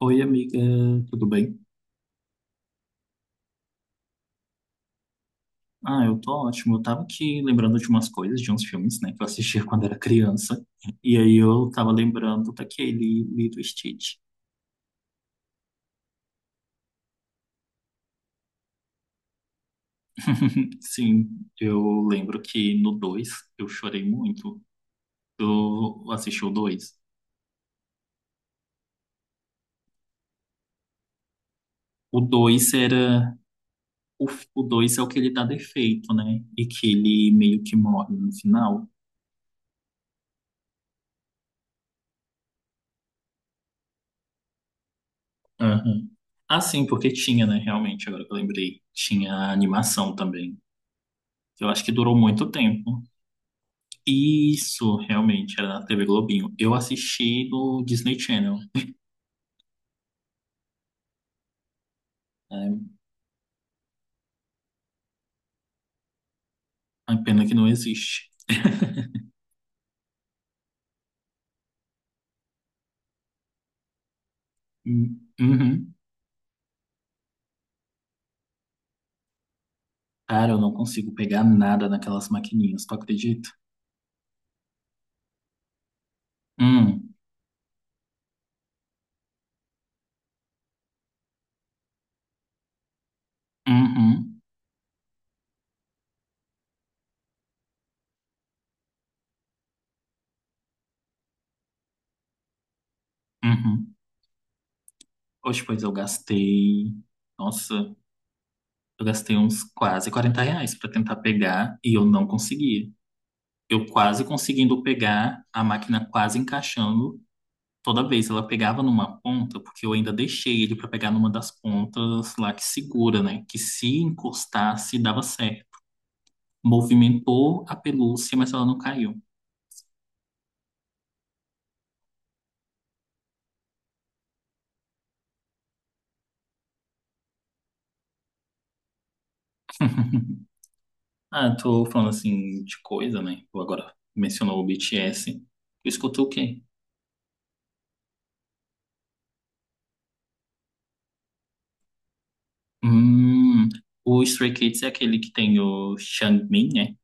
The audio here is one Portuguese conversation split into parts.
Oi, amiga, tudo bem? Ah, eu tô ótimo. Eu tava aqui lembrando de umas coisas, de uns filmes, né, que eu assistia quando era criança. E aí eu tava lembrando daquele Lilo e Stitch. Sim, eu lembro que no 2 eu chorei muito. Eu assisti o 2. O dois era. O, o 2 é o que ele dá defeito, né? E que ele meio que morre no final. Aham. Ah, sim, porque tinha, né? Realmente, agora que eu lembrei. Tinha a animação também. Eu acho que durou muito tempo. Isso, realmente, era na TV Globinho. Eu assisti no Disney Channel, né? A pena que não existe. Hum. Uhum. Cara, eu não consigo pegar nada naquelas maquininhas, tu acredita? Hum, uhum, uhum. Hoje, pois, eu Nossa, eu gastei uns quase R$ 40 pra tentar pegar e eu não consegui. Eu quase conseguindo pegar, a máquina quase encaixando, toda vez ela pegava numa ponta, porque eu ainda deixei ele para pegar numa das pontas lá que segura, né? Que se encostasse, dava certo. Movimentou a pelúcia, mas ela não caiu. Ah, tô falando assim de coisa, né? Tu agora mencionou o BTS. Tu escutou o quê? Hum, o Stray Kids é aquele que tem o Xiangmin, né?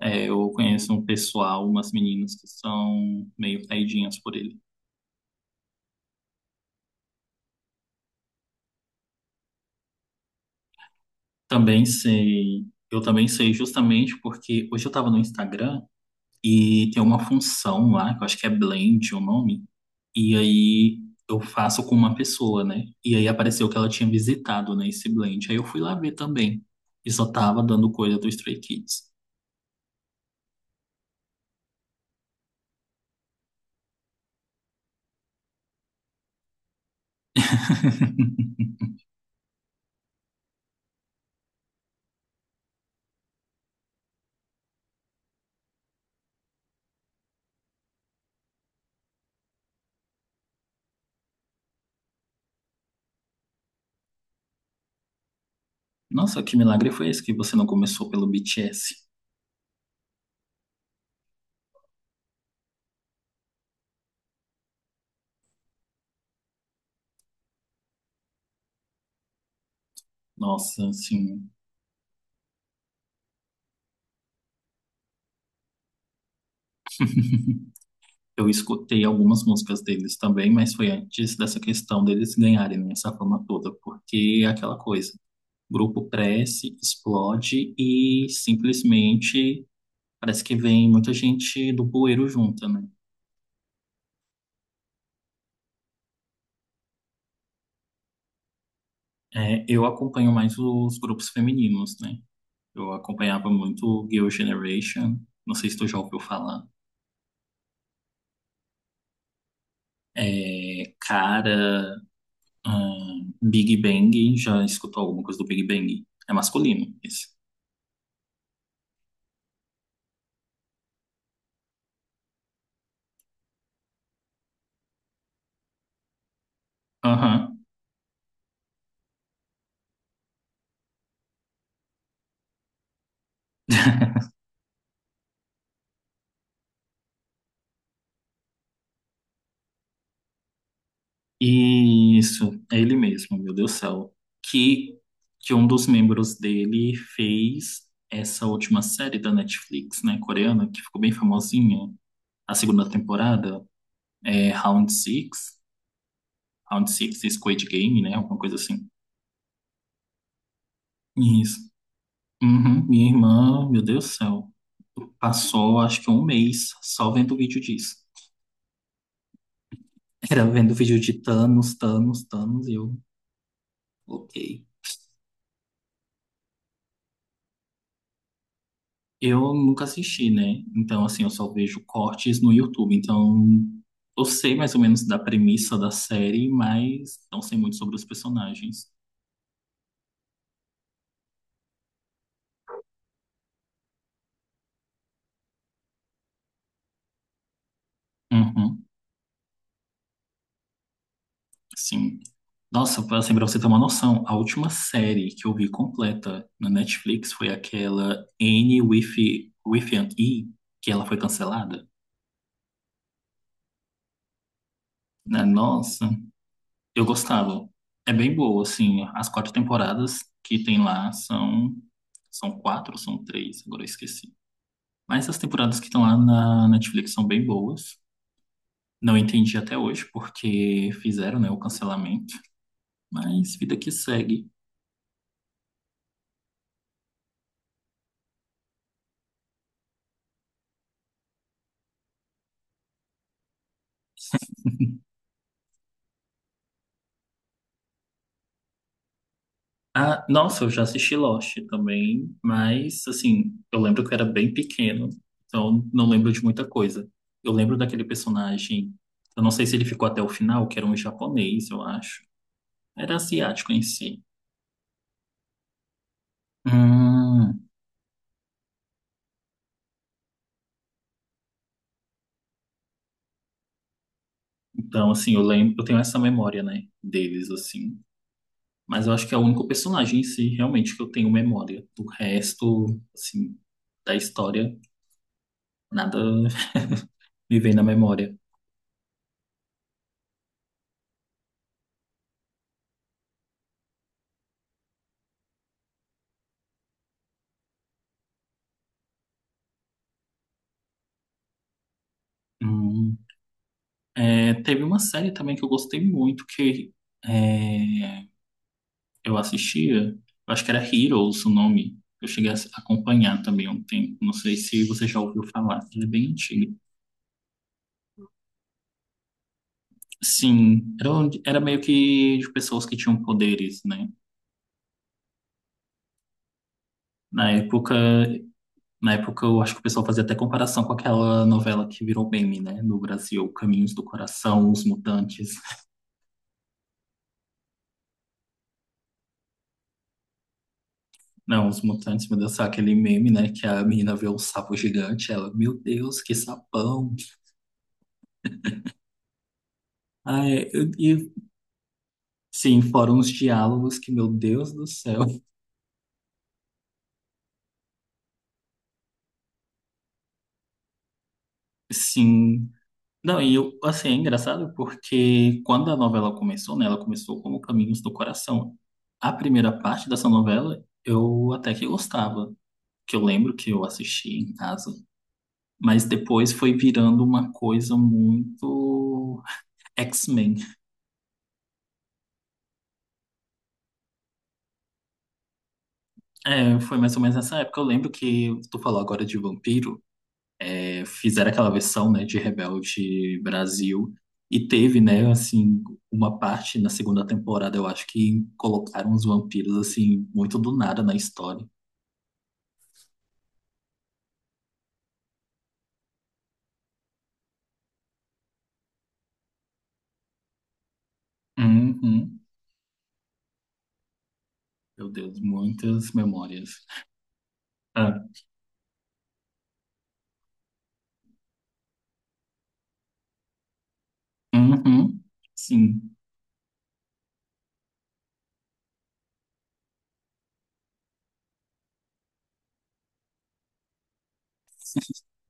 É, eu conheço um pessoal, umas meninas que são meio caidinhas por ele. Também sei. Eu também sei justamente porque hoje eu tava no Instagram. E tem uma função lá, que eu acho que é blend é o nome, e aí eu faço com uma pessoa, né? E aí apareceu que ela tinha visitado, né, esse blend. Aí eu fui lá ver também. E só tava dando coisa do Stray Kids. Nossa, que milagre foi esse que você não começou pelo BTS? Nossa, assim, eu escutei algumas músicas deles também, mas foi antes dessa questão deles ganharem, né, essa fama toda, porque é aquela coisa. Grupo cresce, explode e simplesmente parece que vem muita gente do bueiro junta, né? É, eu acompanho mais os grupos femininos, né? Eu acompanhava muito Girl Generation, não sei se tu já ouviu falar. É, cara, Big Bang, já escutou alguma coisa do Big Bang? É masculino, esse. Aham. Isso, é ele mesmo, meu Deus do céu. Que, que um dos membros dele fez essa última série da Netflix, né, coreana, que ficou bem famosinha, a segunda temporada. É, Round Six, Round Six, Squid Game, né? Alguma coisa assim. Isso. Uhum, minha irmã, meu Deus do céu, passou acho que um mês só vendo vídeo disso. Era vendo vídeo de Thanos, Thanos, Thanos, e eu, ok. Eu nunca assisti, né? Então, assim, eu só vejo cortes no YouTube. Então, eu sei mais ou menos da premissa da série, mas não sei muito sobre os personagens. Uhum. Sim. Nossa, assim, pra você ter uma noção, a última série que eu vi completa na Netflix foi aquela N with, with an E, que ela foi cancelada. Né? Nossa, eu gostava. É bem boa, assim, as quatro temporadas que tem lá são, são quatro ou são três, agora eu esqueci. Mas as temporadas que estão lá na Netflix são bem boas. Não entendi até hoje porque fizeram, né, o cancelamento, mas vida que segue. Ah, nossa, eu já assisti Lost também, mas assim, eu lembro que eu era bem pequeno, então não lembro de muita coisa. Eu lembro daquele personagem, eu não sei se ele ficou até o final, que era um japonês, eu acho. Era asiático em si. Hum, então, assim, eu lembro, eu tenho essa memória, né, deles, assim. Mas eu acho que é o único personagem em si, realmente, que eu tenho memória. Do resto, assim, da história, nada me vem na memória. Hum. É, teve uma série também que eu gostei muito, que é, eu assistia, eu acho que era Heroes o nome. Eu cheguei a acompanhar também há um tempo, não sei se você já ouviu falar, ele é bem antigo. Sim, era, onde- era meio que de pessoas que tinham poderes, né? Na época, na época eu acho que o pessoal fazia até comparação com aquela novela que virou meme, né? No Brasil, Caminhos do Coração, Os Mutantes. Não, Os Mutantes, meu Deus, sabe aquele meme, né? Que a menina vê um sapo gigante, ela, meu Deus, que sapão. Ai, eu- e sim, foram uns diálogos que, meu Deus do céu, sim. Não, e eu, assim, é engraçado porque quando a novela começou, né? Ela começou como Caminhos do Coração. A primeira parte dessa novela eu até que gostava, que eu lembro que eu assisti em casa. Mas depois foi virando uma coisa muito X-Men. É, foi mais ou menos nessa época. Eu lembro que tu falou agora de vampiro, é, fizeram aquela versão, né, de Rebelde Brasil e teve, né, assim, uma parte na segunda temporada, eu acho que colocaram uns vampiros assim muito do nada na história. Uhum. Meu Deus, muitas memórias. Ah, uhum. Sim.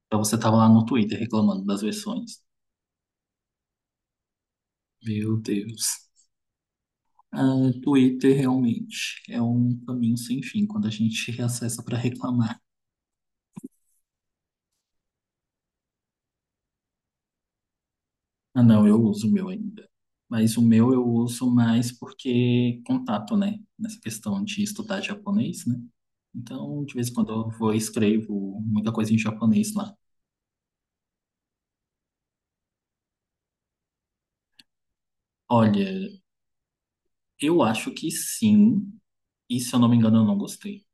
Então você tava lá no Twitter reclamando das versões. Meu Deus. Ah, Twitter realmente é um caminho sem fim quando a gente reacessa para reclamar. Ah, não, eu uso o meu ainda. Mas o meu eu uso mais porque contato, né? Nessa questão de estudar japonês, né? Então, de vez em quando eu vou e escrevo muita coisa em japonês lá. Olha, eu acho que sim. E se eu não me engano, eu não gostei.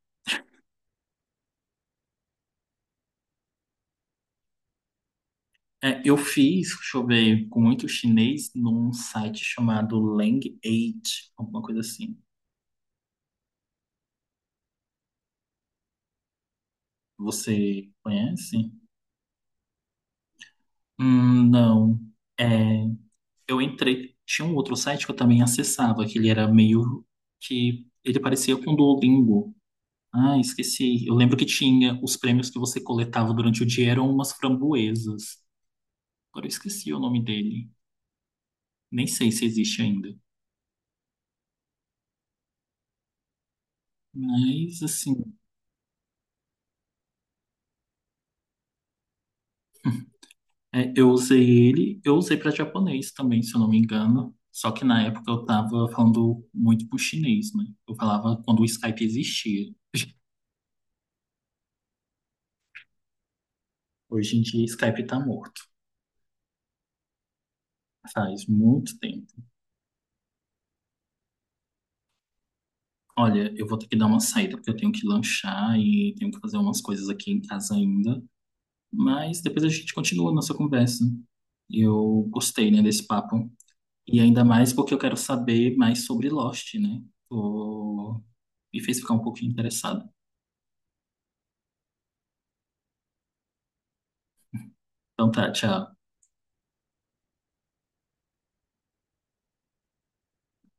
É, eu fiz, deixa eu ver, com muito chinês num site chamado Lang8, alguma coisa assim. Você conhece? Não. É, eu entrei, tinha um outro site que eu também acessava, que ele parecia com o Duolingo. Ah, esqueci. Eu lembro que tinha os prêmios que você coletava durante o dia eram umas framboesas. Agora eu esqueci o nome dele. Nem sei se existe ainda. Mas assim, é, eu usei ele, eu usei para japonês também, se eu não me engano. Só que na época eu tava falando muito pro chinês, né? Eu falava quando o Skype existia. Hoje em dia, Skype tá morto. Faz muito tempo. Olha, eu vou ter que dar uma saída porque eu tenho que lanchar e tenho que fazer umas coisas aqui em casa ainda. Mas depois a gente continua a nossa conversa. Eu gostei, né, desse papo. E ainda mais porque eu quero saber mais sobre Lost, né? Tô... me fez ficar um pouquinho interessado. Então tá, tchau.